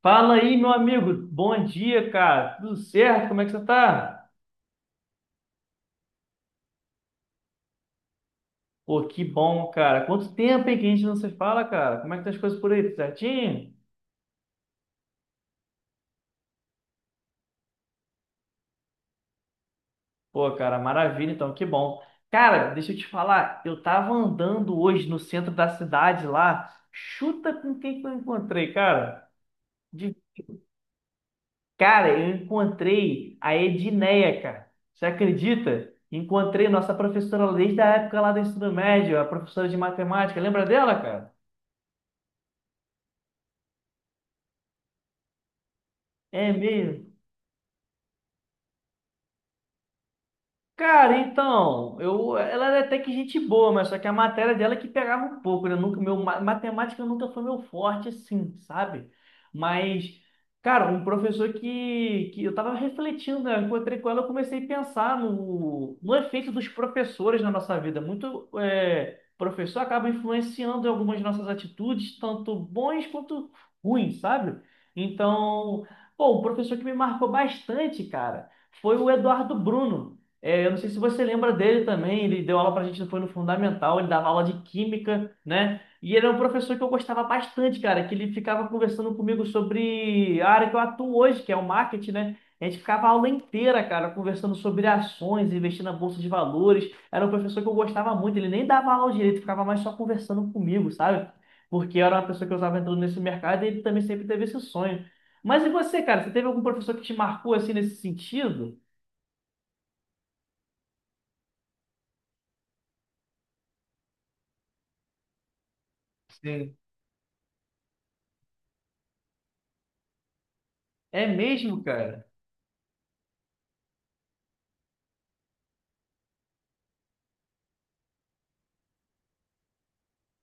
Fala aí, meu amigo. Bom dia, cara. Tudo certo? Como é que você tá? Pô, que bom, cara. Quanto tempo, hein, que a gente não se fala, cara? Como é que tá as coisas por aí? Tudo certinho? Pô, cara, maravilha, então, que bom. Cara, deixa eu te falar. Eu tava andando hoje no centro da cidade lá. Chuta com quem que eu encontrei, cara. De cara, eu encontrei a Edneia, cara. Você acredita? Encontrei nossa professora desde a época lá do ensino médio, a professora de matemática. Lembra dela, cara? É mesmo. Cara, então, eu, ela era até que gente boa, mas só que a matéria dela é que pegava um pouco, né? Nunca, meu, matemática nunca foi meu forte, assim, sabe? Mas, cara, um professor que eu tava refletindo, né? Eu encontrei com ela, eu comecei a pensar no efeito dos professores na nossa vida. Muito professor acaba influenciando em algumas nossas atitudes, tanto bons quanto ruins, sabe? Então, pô, um professor que me marcou bastante, cara, foi o Eduardo Bruno. É, eu não sei se você lembra dele também, ele deu aula pra gente, foi no Fundamental, ele dava aula de Química, né? E ele é um professor que eu gostava bastante, cara, que ele ficava conversando comigo sobre a área que eu atuo hoje, que é o marketing, né? A gente ficava a aula inteira, cara, conversando sobre ações, investir na bolsa de valores. Era um professor que eu gostava muito, ele nem dava aula direito, ficava mais só conversando comigo, sabe? Porque eu era uma pessoa que eu estava entrando nesse mercado e ele também sempre teve esse sonho. Mas e você, cara, você teve algum professor que te marcou assim nesse sentido? É mesmo, cara?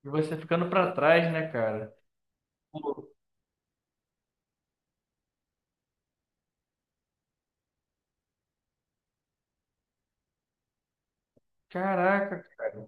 E você ficando pra trás, né, cara? Pô, caraca, cara.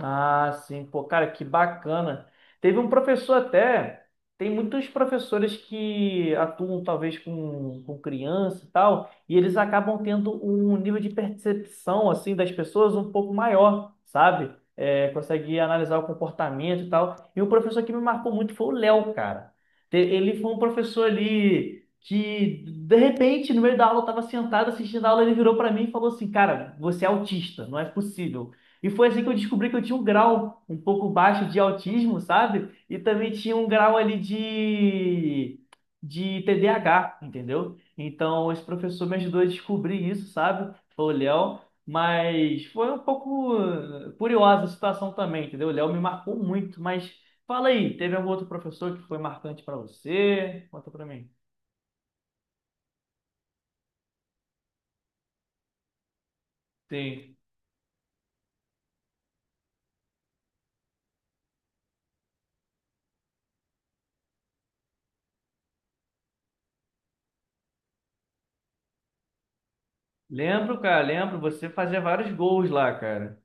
Ah, sim, pô, cara, que bacana. Teve um professor até, tem muitos professores que atuam talvez com criança e tal, e eles acabam tendo um nível de percepção, assim, das pessoas um pouco maior, sabe? É, consegue analisar o comportamento e tal. E um professor que me marcou muito foi o Léo, cara. Ele foi um professor ali que, de repente, no meio da aula, eu tava sentado assistindo a aula, ele virou para mim e falou assim, cara, você é autista, não é possível. E foi assim que eu descobri que eu tinha um grau um pouco baixo de autismo, sabe? E também tinha um grau ali de TDAH, entendeu? Então, esse professor me ajudou a descobrir isso, sabe? Foi o Léo. Mas foi um pouco curiosa a situação também, entendeu? O Léo me marcou muito. Mas fala aí, teve algum outro professor que foi marcante para você? Conta para mim. Sim. Lembro, cara, lembro. Você fazia vários gols lá, cara.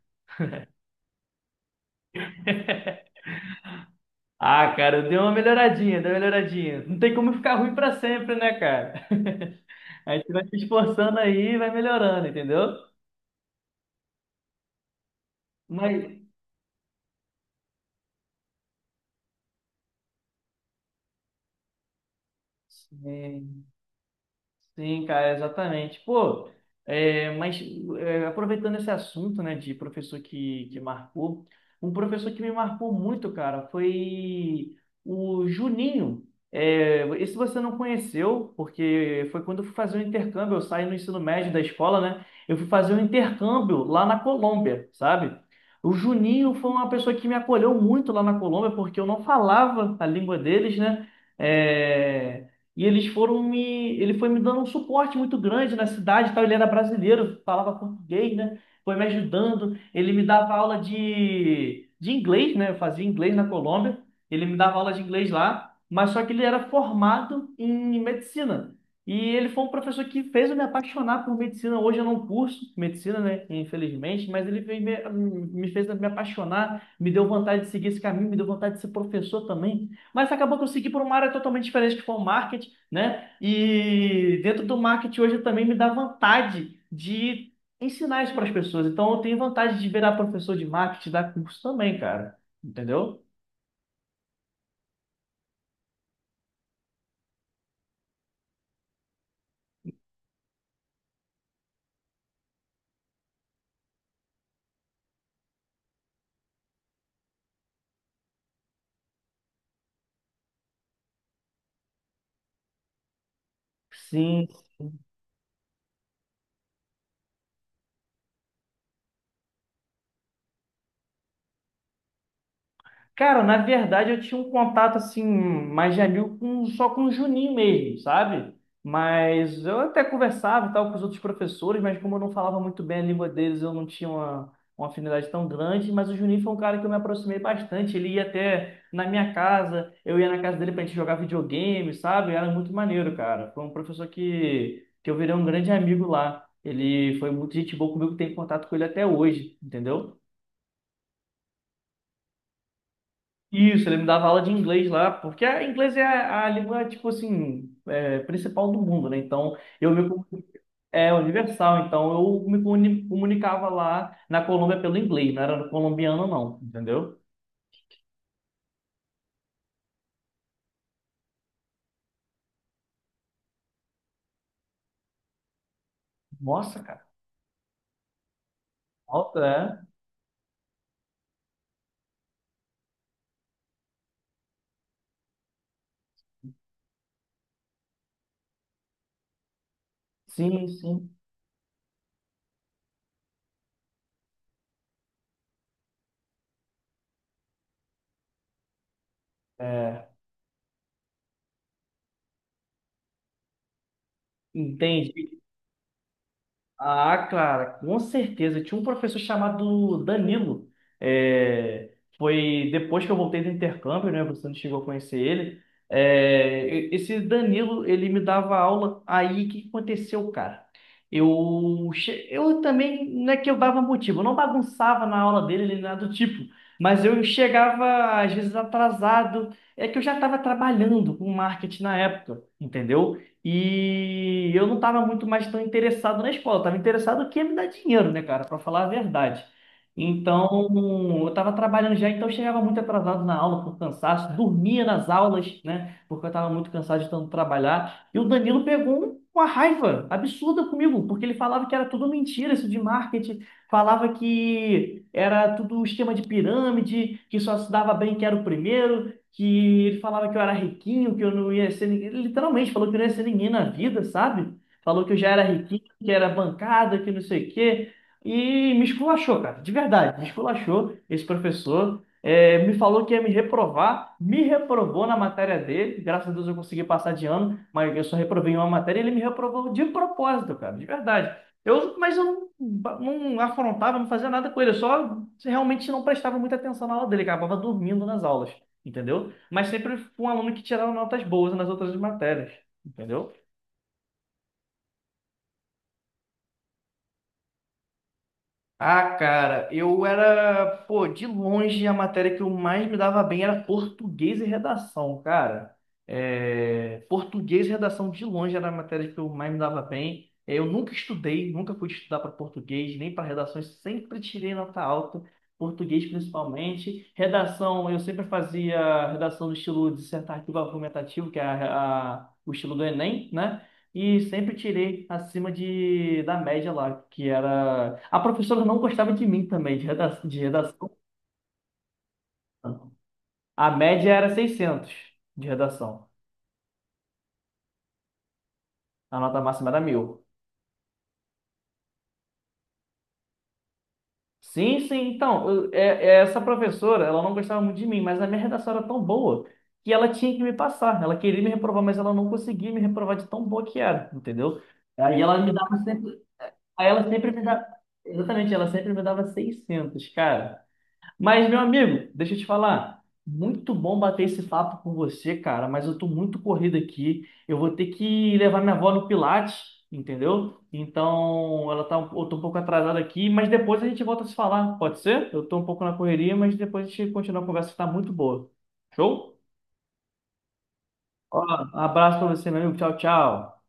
Ah, cara, deu uma melhoradinha, deu uma melhoradinha. Não tem como ficar ruim pra sempre, né, cara? A gente vai se esforçando aí e vai melhorando, entendeu? Mas. É, sim, cara, exatamente. Pô, mas aproveitando esse assunto, né, de professor que marcou, um professor que me marcou muito, cara, foi o Juninho. É, esse você não conheceu, porque foi quando eu fui fazer o intercâmbio, eu saí no ensino médio da escola, né? Eu fui fazer um intercâmbio lá na Colômbia, sabe? O Juninho foi uma pessoa que me acolheu muito lá na Colômbia, porque eu não falava a língua deles, né? É, e eles foram me. Ele foi me dando um suporte muito grande na cidade, e tal. Ele era brasileiro, falava português, né? Foi me ajudando. Ele me dava aula de inglês, né? Eu fazia inglês na Colômbia. Ele me dava aula de inglês lá, mas só que ele era formado em medicina. E ele foi um professor que fez eu me apaixonar por medicina. Hoje eu não curso medicina, né? Infelizmente, mas ele fez me, me fez me apaixonar, me deu vontade de seguir esse caminho, me deu vontade de ser professor também. Mas acabou que eu segui por uma área totalmente diferente, que foi o marketing, né? E dentro do marketing hoje também me dá vontade de ensinar isso para as pessoas. Então eu tenho vontade de virar professor de marketing, dar curso também, cara. Entendeu? Sim. Cara, na verdade eu tinha um contato assim, mais de amigo com, só com o Juninho mesmo, sabe? Mas eu até conversava e tal com os outros professores, mas como eu não falava muito bem a língua deles, eu não tinha uma afinidade tão grande. Mas o Juninho foi um cara que eu me aproximei bastante. Ele ia até na minha casa, eu ia na casa dele pra gente jogar videogame, sabe? Era muito maneiro, cara. Foi um professor que eu virei um grande amigo lá. Ele foi muito gente boa comigo, tenho contato com ele até hoje, entendeu? Isso, ele me dava aula de inglês lá, porque inglês é a língua, tipo assim, principal do mundo, né? Então, é universal, então eu me comunicava lá na Colômbia pelo inglês, não era colombiano não, entendeu? Nossa, cara, alta, é? Sim, sim, é, entendi. Ah, cara, com certeza. Tinha um professor chamado Danilo. É, foi depois que eu voltei do intercâmbio, né? Você não chegou a conhecer ele. É, esse Danilo, ele me dava aula. Aí, o que que aconteceu, cara? Eu também, não é que eu dava motivo, eu não bagunçava na aula dele, nem nada do tipo. Mas eu chegava, às vezes, atrasado. É que eu já estava trabalhando com marketing na época, entendeu? E eu não estava muito mais tão interessado na escola, estava interessado que ia me dar dinheiro, né, cara, para falar a verdade. Então, eu estava trabalhando já, então eu chegava muito atrasado na aula por cansaço, dormia nas aulas, né, porque eu estava muito cansado de tanto trabalhar. E o Danilo pegou uma raiva absurda comigo, porque ele falava que era tudo mentira isso de marketing, falava que era tudo esquema de pirâmide, que só se dava bem quem era o primeiro, que ele falava que eu era riquinho, que eu não ia ser ninguém. Ele literalmente falou que eu não ia ser ninguém na vida, sabe? Falou que eu já era riquinho, que era bancada, que não sei o quê. E me esculachou, cara, de verdade, me esculachou esse professor. É, me falou que ia me reprovar, me reprovou na matéria dele. Graças a Deus eu consegui passar de ano, mas eu só reprovei em uma matéria e ele me reprovou de propósito, cara, de verdade. Eu, mas eu não, não afrontava, não fazia nada com ele, eu só realmente não prestava muita atenção na aula dele, acabava dormindo nas aulas, entendeu? Mas sempre fui um aluno que tirava notas boas nas outras matérias, entendeu? Ah, cara, eu era, pô, de longe a matéria que eu mais me dava bem era português e redação, cara. É, português e redação de longe era a matéria que eu mais me dava bem. É, eu nunca estudei, nunca fui estudar para português, nem para redações, sempre tirei nota alta, português principalmente. Redação, eu sempre fazia redação no estilo dissertativo argumentativo, que é o estilo do Enem, né? E sempre tirei acima de, da média lá, que era. A professora não gostava de mim também, de redação. A média era 600 de redação. A nota máxima era 1.000. Sim, sim. Então, é essa professora, ela não gostava muito de mim, mas a minha redação era tão boa que ela tinha que me passar. Ela queria me reprovar, mas ela não conseguia me reprovar de tão boa que era, entendeu? Aí ela me dava sempre. Aí ela sempre me dava. Exatamente, ela sempre me dava 600, cara. Mas, meu amigo, deixa eu te falar. Muito bom bater esse papo com você, cara, mas eu tô muito corrido aqui. Eu vou ter que levar minha avó no Pilates, entendeu? Então, ela tá, eu tô um pouco atrasada aqui, mas depois a gente volta a se falar, pode ser? Eu tô um pouco na correria, mas depois a gente continua a conversa que tá muito boa. Show? Ó, abraço pra você, meu amigo. Tchau, tchau.